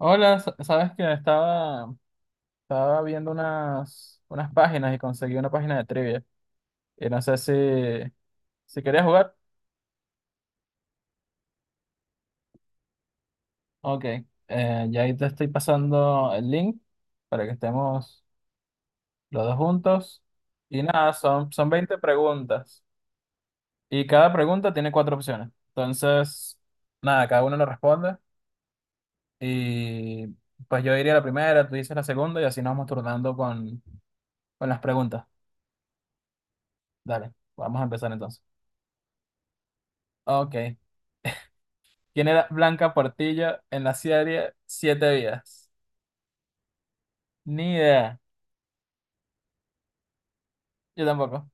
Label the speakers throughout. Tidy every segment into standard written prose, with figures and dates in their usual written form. Speaker 1: Hola, sabes que estaba viendo unas páginas y conseguí una página de trivia. Y no sé si querías jugar. Ok, ya ahí te estoy pasando el link para que estemos los dos juntos. Y nada, son 20 preguntas. Y cada pregunta tiene cuatro opciones. Entonces, nada, cada uno lo responde. Y pues yo diría la primera, tú dices la segunda y así nos vamos turnando con las preguntas. Dale, vamos a empezar entonces. Ok. ¿Quién era Blanca Portillo en la serie Siete Vidas? Ni idea. Yo tampoco.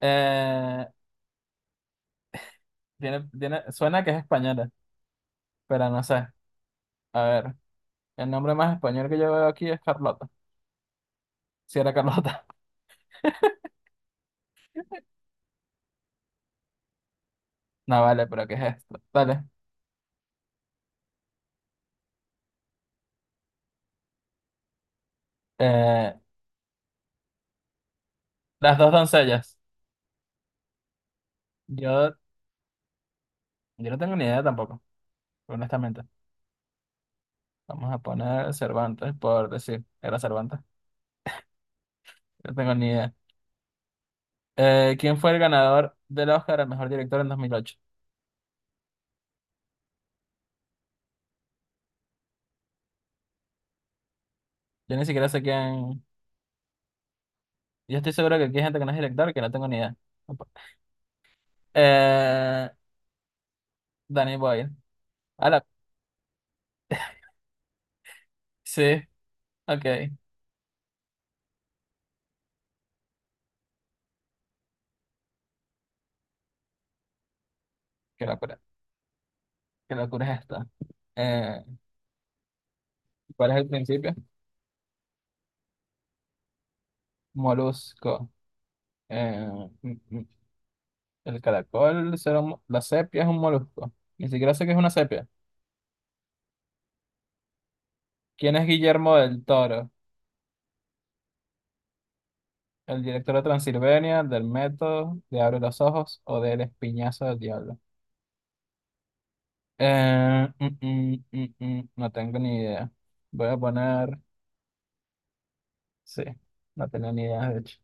Speaker 1: Eh, tiene, suena que es española, pero no sé. A ver, el nombre más español que yo veo aquí es Carlota. Si era Carlota. No vale, pero ¿qué es esto? Dale. Eh, las dos doncellas. Yo, yo no tengo ni idea tampoco, honestamente. Vamos a poner Cervantes, por decir, era Cervantes. No tengo ni idea. ¿Quién fue el ganador del Oscar al mejor director en 2008? Yo ni siquiera sé quién. Yo estoy seguro que aquí hay gente que no es director, que no tengo ni idea. Eh, Danny Boyle. Ala, sí, ok. Qué locura. Qué locura es esta. Eh, ¿Cuál es el principio? Molusco. Eh, mm, mm, el caracol será un. La sepia es un molusco. Ni siquiera sé qué es una sepia. ¿Quién es Guillermo del Toro? El director de Transilvania, del método, de Abre los Ojos o del Espiñazo del Diablo. No tengo ni idea. Voy a poner. Sí, no tenía ni idea, de hecho.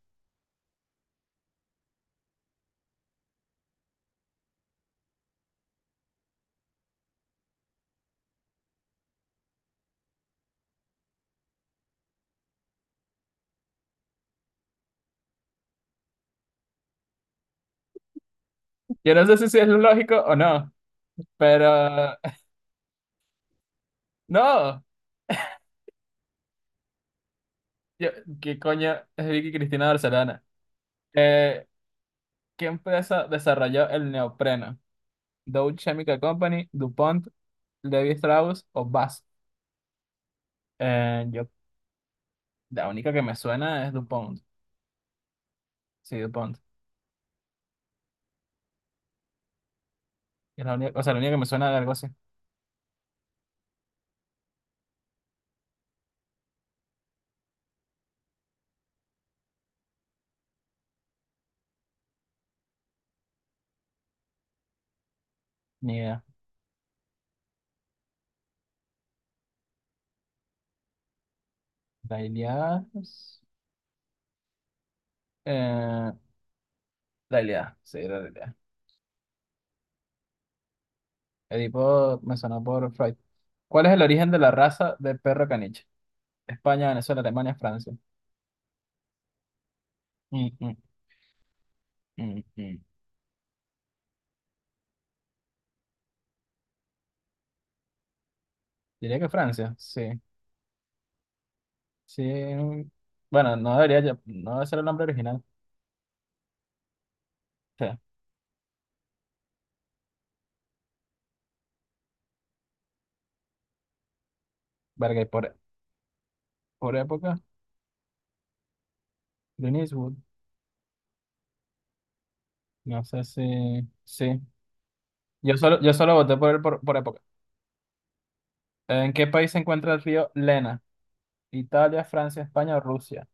Speaker 1: Yo no sé si sí es lógico o no, pero no. Yo- ¿Qué coño es Vicky Cristina Barcelona? Eh, ¿Qué empresa desarrolló el neopreno? Dow Chemical Company, DuPont, Levi Strauss o Bass? Eh, yo, la única que me suena es DuPont. Sí, DuPont. Es la única, o sea, la única que me suena de algo así. Ni idea. Dalila. Eh, Dalila. Sí, Dalila. El tipo me sonó por Freud. ¿Cuál es el origen de la raza de perro caniche? España, Venezuela, Alemania, Francia. Mm, mm, mm, mm. Diría que Francia, sí. Sí. Bueno, no debería, no debe ser el nombre original. Sí. Verga, y por época, Clint Eastwood. No sé si. Sí. Yo solo voté por él por época. ¿En qué país se encuentra el río Lena? Italia, Francia, España o Rusia.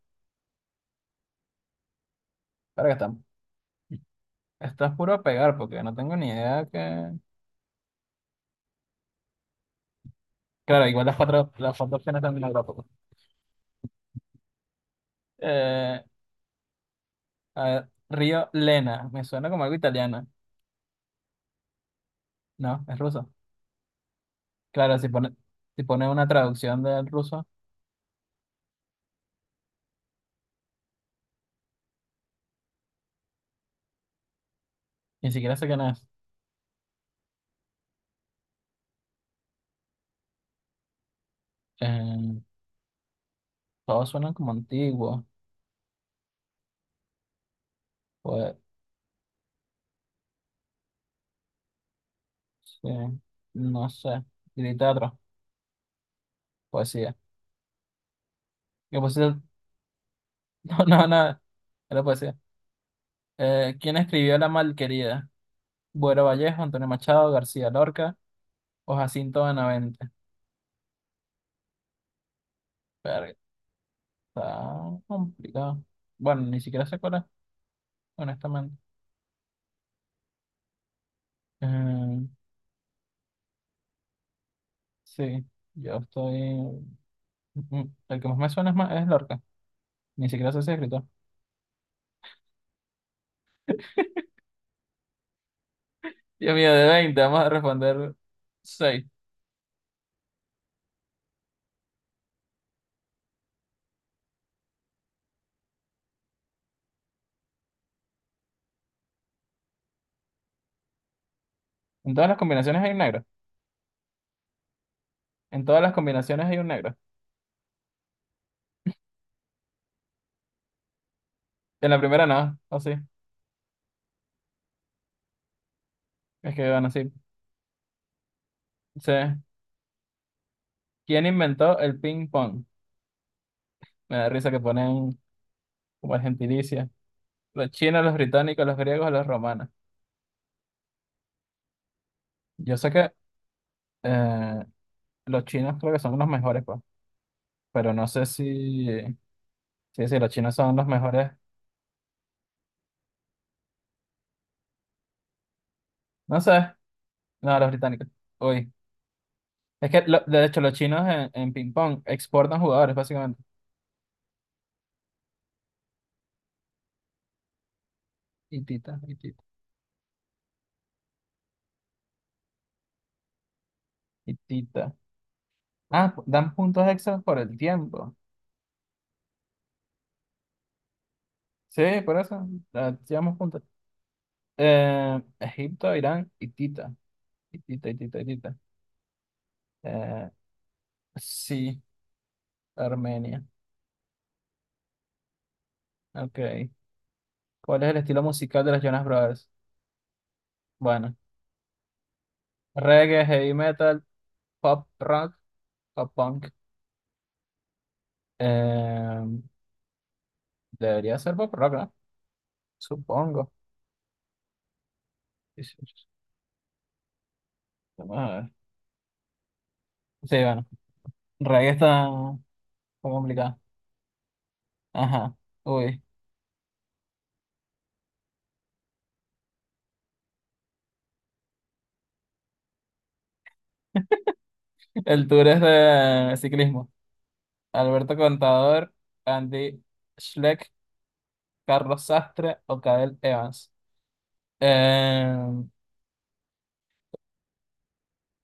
Speaker 1: Verga, está puro a pegar porque no tengo ni idea que. Claro, igual las cuatro opciones también las tampoco. Eh, a ver, río Lena. Me suena como algo italiano. No, es ruso. Claro, si pone una traducción del ruso, ni siquiera sé quién es. Eh, Todos suenan como antiguos. Pues, sí, no sé. Y teatro, poesía. ¿Qué poesía? No, no, no, era poesía. ¿Quién escribió La Malquerida? Buero Vallejo, Antonio Machado, García Lorca o Jacinto Benavente. Verga, está complicado. Bueno, ni siquiera sé cuál es, honestamente. Eh, sí, yo estoy. El que más me suena es Lorca. Ni siquiera sé si es escritor. Dios mío, de 20 vamos a responder 6. En todas las combinaciones hay un negro. En todas las combinaciones hay un negro. En la primera no, o sí. Es que van así. Sí. ¿Quién inventó el ping pong? Me da risa que ponen como el gentilicio. Los chinos, los británicos, los griegos, los romanos. Yo sé que eh, los chinos creo que son los mejores, pues. Pero no sé si, sí, sí, los chinos son los mejores. No sé. No, los británicos. Uy. Es que, de hecho, los chinos en ping pong exportan jugadores, básicamente. Y tita, y tita. Y Tita. Ah, dan puntos extras por el tiempo. Sí, por eso. Ah, llevamos puntos. Egipto, Irán y Tita. Y Tita, y Tita, y Tita. Eh, sí, Armenia. Ok. ¿Cuál es el estilo musical de los Jonas Brothers? Bueno, reggae, heavy metal, pop rock, pop punk. Eh, Debería ser pop rock, ¿no? Supongo. Sí, sí, sí. Vamos a ver. Sí, bueno. Reggae está complicado. Ajá. Uy. El tour es de ciclismo. Alberto Contador, Andy Schleck, Carlos Sastre o Cadel Evans. Eh,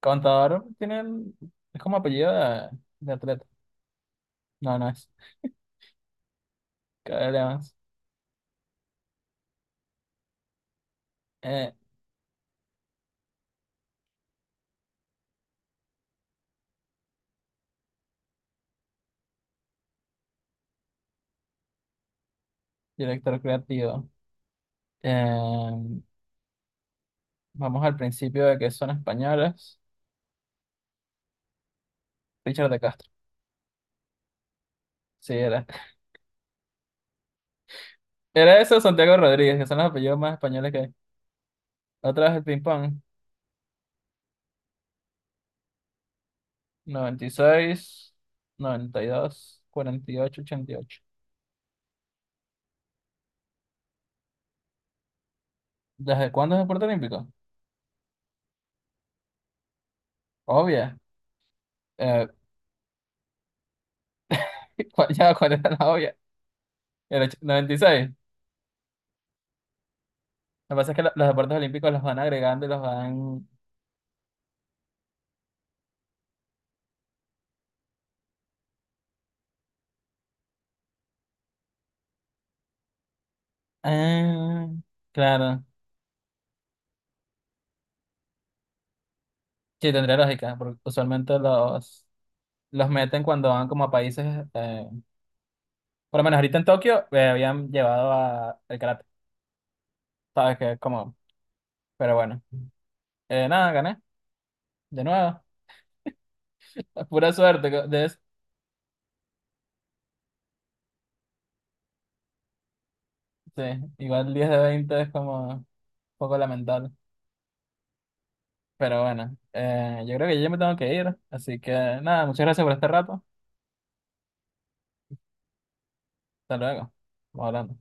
Speaker 1: Contador tiene es como apellido de atleta. No, no es. Cadel Evans. Eh, Director creativo. Eh, Vamos al principio de que son españoles. Richard de Castro. Sí, era. Era eso, Santiago Rodríguez, que son los apellidos más españoles que hay. Otra vez el ping-pong. Noventa y seis, dos, 48, 88. ¿Desde cuándo es deporte olímpico? Obvio. eh, ya cuál era la obvia, el 96. Lo que pasa es que los deportes olímpicos los van agregando y los van... Ah, claro. Sí, tendría lógica, porque usualmente los meten cuando van como a países... eh, por lo menos ahorita en Tokio habían llevado a el karate. Sabes que es como... Pero bueno. Nada, gané. De nuevo. Pura suerte. Sí, igual 10 de 20 es como un poco lamentable. Pero bueno, yo creo que yo ya me tengo que ir. Así que nada, muchas gracias por este rato. Hasta luego. Vamos hablando.